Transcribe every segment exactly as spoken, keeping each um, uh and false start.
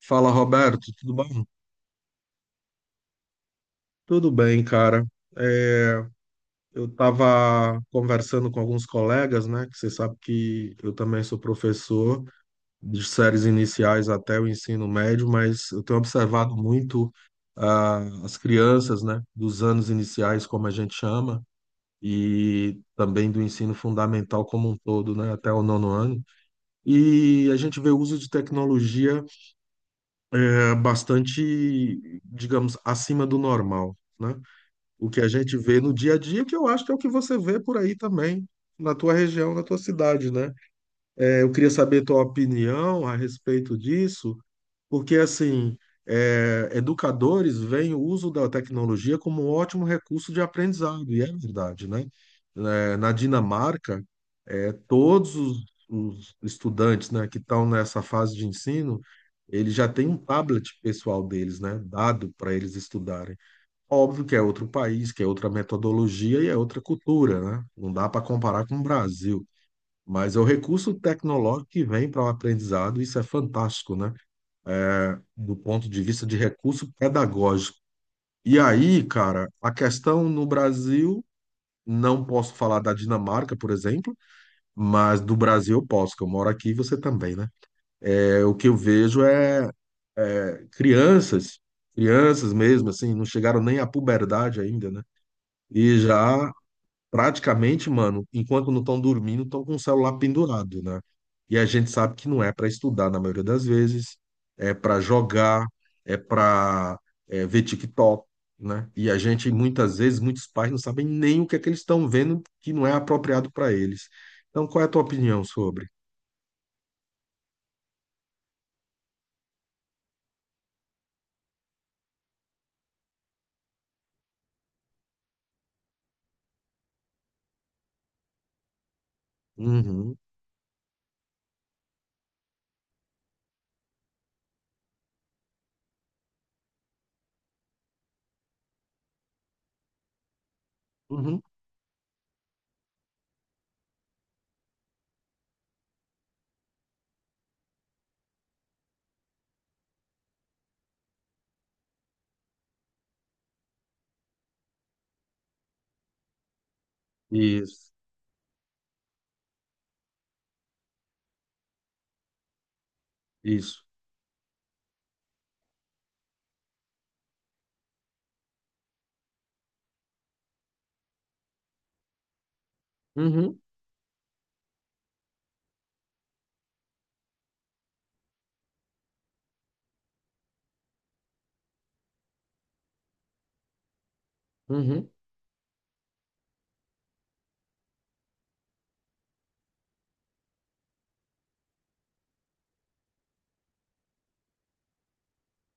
Fala, Roberto, tudo bom? Tudo bem, cara. É, eu estava conversando com alguns colegas, né? Que você sabe que eu também sou professor de séries iniciais até o ensino médio, mas eu tenho observado muito ah, as crianças, né? Dos anos iniciais, como a gente chama, e também do ensino fundamental como um todo, né? Até o nono ano. E a gente vê o uso de tecnologia é, bastante, digamos, acima do normal, né? O que a gente vê no dia a dia, que eu acho que é o que você vê por aí também, na tua região, na tua cidade, né? É, eu queria saber tua opinião a respeito disso, porque, assim, é, educadores veem o uso da tecnologia como um ótimo recurso de aprendizado, e é verdade, né? É, na Dinamarca, é, todos os, os estudantes, né, que estão nessa fase de ensino, eles já têm um tablet pessoal deles, né, dado para eles estudarem. Óbvio que é outro país, que é outra metodologia e é outra cultura, né? Não dá para comparar com o Brasil. Mas é o recurso tecnológico que vem para o aprendizado, isso é fantástico, né? Do ponto de vista de recurso pedagógico. E aí, cara, a questão no Brasil, não posso falar da Dinamarca, por exemplo, mas do Brasil eu posso, que eu moro aqui e você também, né? É, o que eu vejo é é, crianças, crianças mesmo, assim, não chegaram nem à puberdade ainda, né? E já praticamente, mano, enquanto não estão dormindo, estão com o celular pendurado, né? E a gente sabe que não é para estudar na maioria das vezes, é para jogar, é para ver TikTok, né? E a gente, muitas vezes, muitos pais não sabem nem o que é que eles estão vendo que não é apropriado para eles. Então, qual é a tua opinião sobre? Uhum, uhum, isso, isso. Uhum, uhum.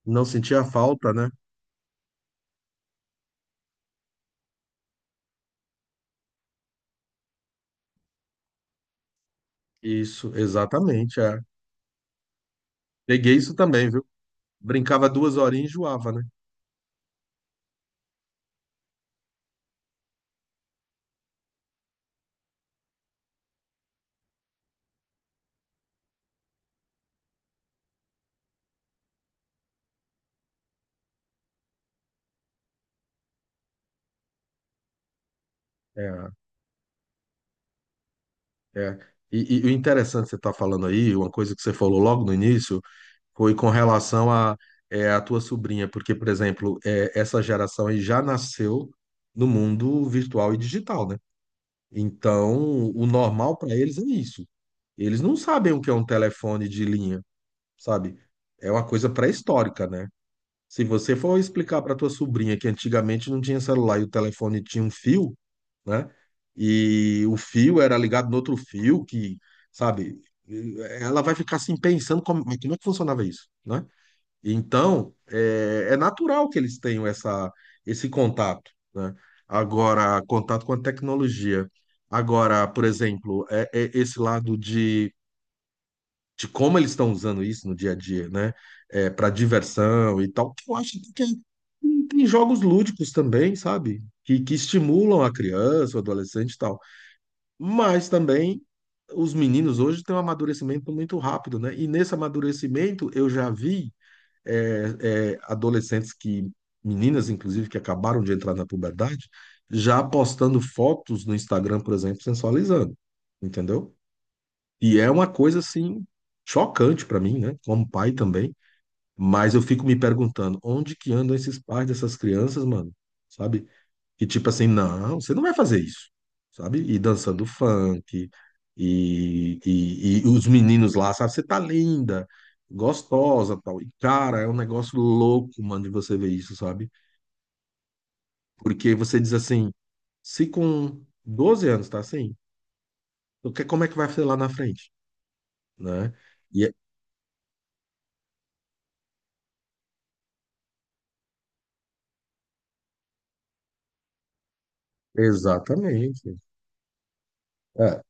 Não sentia falta, né? Isso, exatamente, é. Peguei isso também, viu? Brincava duas horinhas e enjoava, né? É, é. E, e o interessante que você está falando aí, uma coisa que você falou logo no início, foi com relação a, é, a tua sobrinha, porque, por exemplo, é, essa geração aí já nasceu no mundo virtual e digital, né? Então, o normal para eles é isso. Eles não sabem o que é um telefone de linha, sabe? É uma coisa pré-histórica, né? Se você for explicar para tua sobrinha que antigamente não tinha celular e o telefone tinha um fio, né? E o fio era ligado no outro fio, que, sabe, ela vai ficar assim pensando como, mas como é que funcionava isso, né? Então, é, é natural que eles tenham essa, esse contato, né? Agora, contato com a tecnologia. Agora, por exemplo, é, é esse lado de de como eles estão usando isso no dia a dia, né? É, para diversão e tal. Que Eu acho que tem, tem jogos lúdicos também, sabe? Que, que estimulam a criança, o adolescente e tal. Mas também os meninos hoje têm um amadurecimento muito rápido, né? E nesse amadurecimento eu já vi é, é, adolescentes que, meninas inclusive, que acabaram de entrar na puberdade, já postando fotos no Instagram, por exemplo, sensualizando, entendeu? E é uma coisa assim chocante para mim, né? Como pai também. Mas eu fico me perguntando, onde que andam esses pais dessas crianças, mano? Sabe? E tipo assim, não, você não vai fazer isso, sabe? E dançando funk, e, e, e os meninos lá, sabe? Você tá linda, gostosa, tal. E cara, é um negócio louco, mano, de você ver isso, sabe? Porque você diz assim, se com doze anos tá assim, o que- como é que vai ser lá na frente, né? E é- exatamente. É,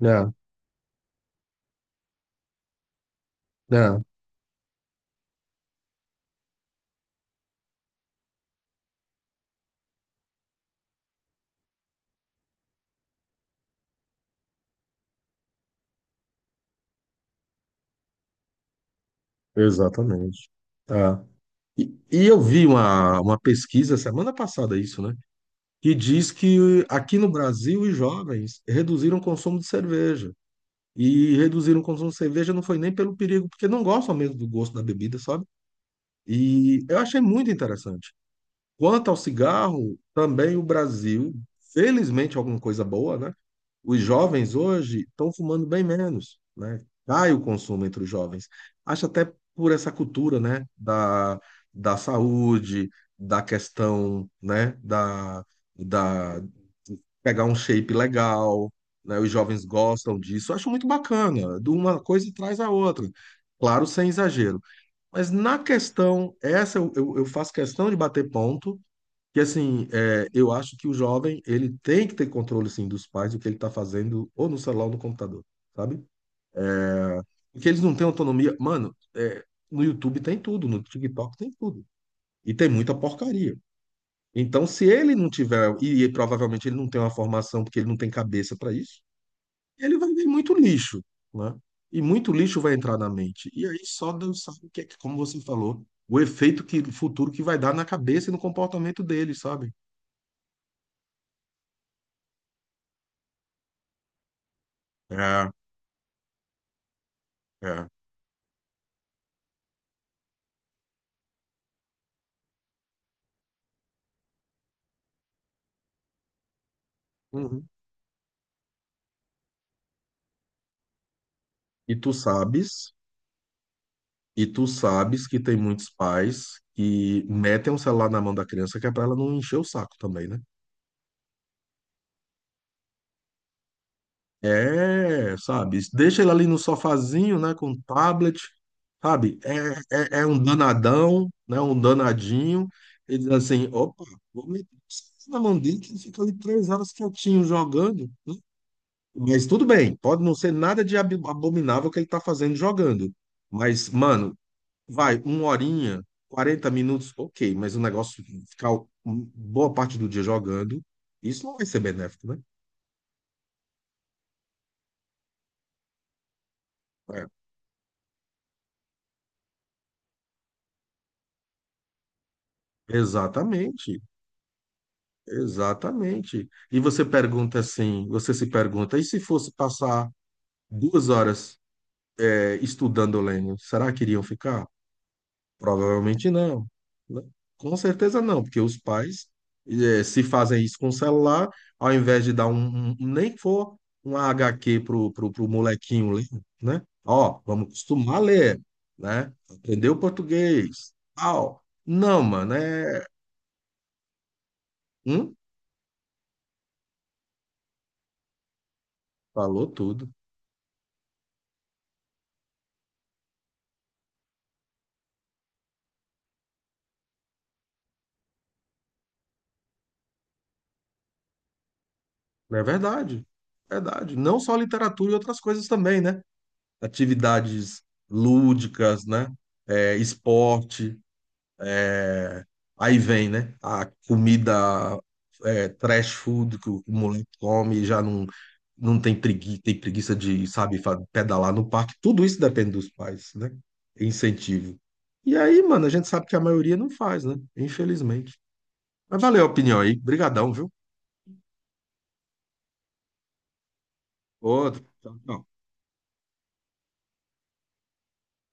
é, é, exatamente. É. E, e eu vi uma, uma pesquisa semana passada, isso, né? Que diz que aqui no Brasil os jovens reduziram o consumo de cerveja. E reduziram o consumo de cerveja não foi nem pelo perigo, porque não gostam mesmo do gosto da bebida, sabe? E eu achei muito interessante. Quanto ao cigarro, também o Brasil, felizmente alguma coisa boa, né? Os jovens hoje estão fumando bem menos, né? Cai o consumo entre os jovens. Acho até por essa cultura, né? Da, da saúde, da questão, né? Da, da de pegar um shape legal, né? Os jovens gostam disso. Acho muito bacana. De uma coisa traz a outra. Claro, sem exagero. Mas na questão, essa eu, eu eu faço questão de bater ponto que assim, é, eu acho que o jovem, ele tem que ter controle, sim, dos pais do que ele tá fazendo ou no celular ou no computador, sabe? Porque eles não têm autonomia. Mano, é, no YouTube tem tudo, no TikTok tem tudo. E tem muita porcaria. Então, se ele não tiver, e, provavelmente ele não tem uma formação porque ele não tem cabeça para isso, ele vai ver muito lixo, né? E muito lixo vai entrar na mente. E aí só Deus sabe o que é que, como você falou, o efeito que, futuro que vai dar na cabeça e no comportamento dele, sabe? É, é. Uhum. E tu sabes, e tu sabes que tem muitos pais que metem o celular na mão da criança que é para ela não encher o saco também, né? É, sabe? Deixa ele ali no sofazinho, né, com o tablet, sabe? É, é, é um danadão, né, um danadinho. E diz assim, opa, vou meter isso na mão dele que ele fica ali três horas quietinho jogando, né? Mas tudo bem, pode não ser nada de ab- abominável que ele tá fazendo jogando. Mas, mano, vai, uma horinha, quarenta minutos, ok, mas o negócio ficar um- boa parte do dia jogando, isso não vai ser benéfico, né? É. Exatamente, exatamente. E você pergunta assim, você se pergunta, e se fosse passar duas horas, é, estudando o Lênin, será que iriam ficar? Provavelmente não, né? Com certeza não, porque os pais eh, se fazem isso com o celular, ao invés de dar um, um- um, nem que for um H Q pro, pro, pro molequinho ler, né? Ó, vamos acostumar a ler, né? Aprender o português. Au. Não, mano, é. Hum? Falou tudo. É verdade. Verdade. Não só literatura e outras coisas também, né? Atividades lúdicas, né? Eh, esporte. É, aí vem, né? A comida é trash food que o moleque come, já não, não tem preguiça, tem preguiça de, sabe, fa- pedalar no parque. Tudo isso depende dos pais, né? É incentivo. E aí, mano, a gente sabe que a maioria não faz, né? Infelizmente. Mas valeu a opinião aí. Brigadão, viu? Outro. Tchau, tchau.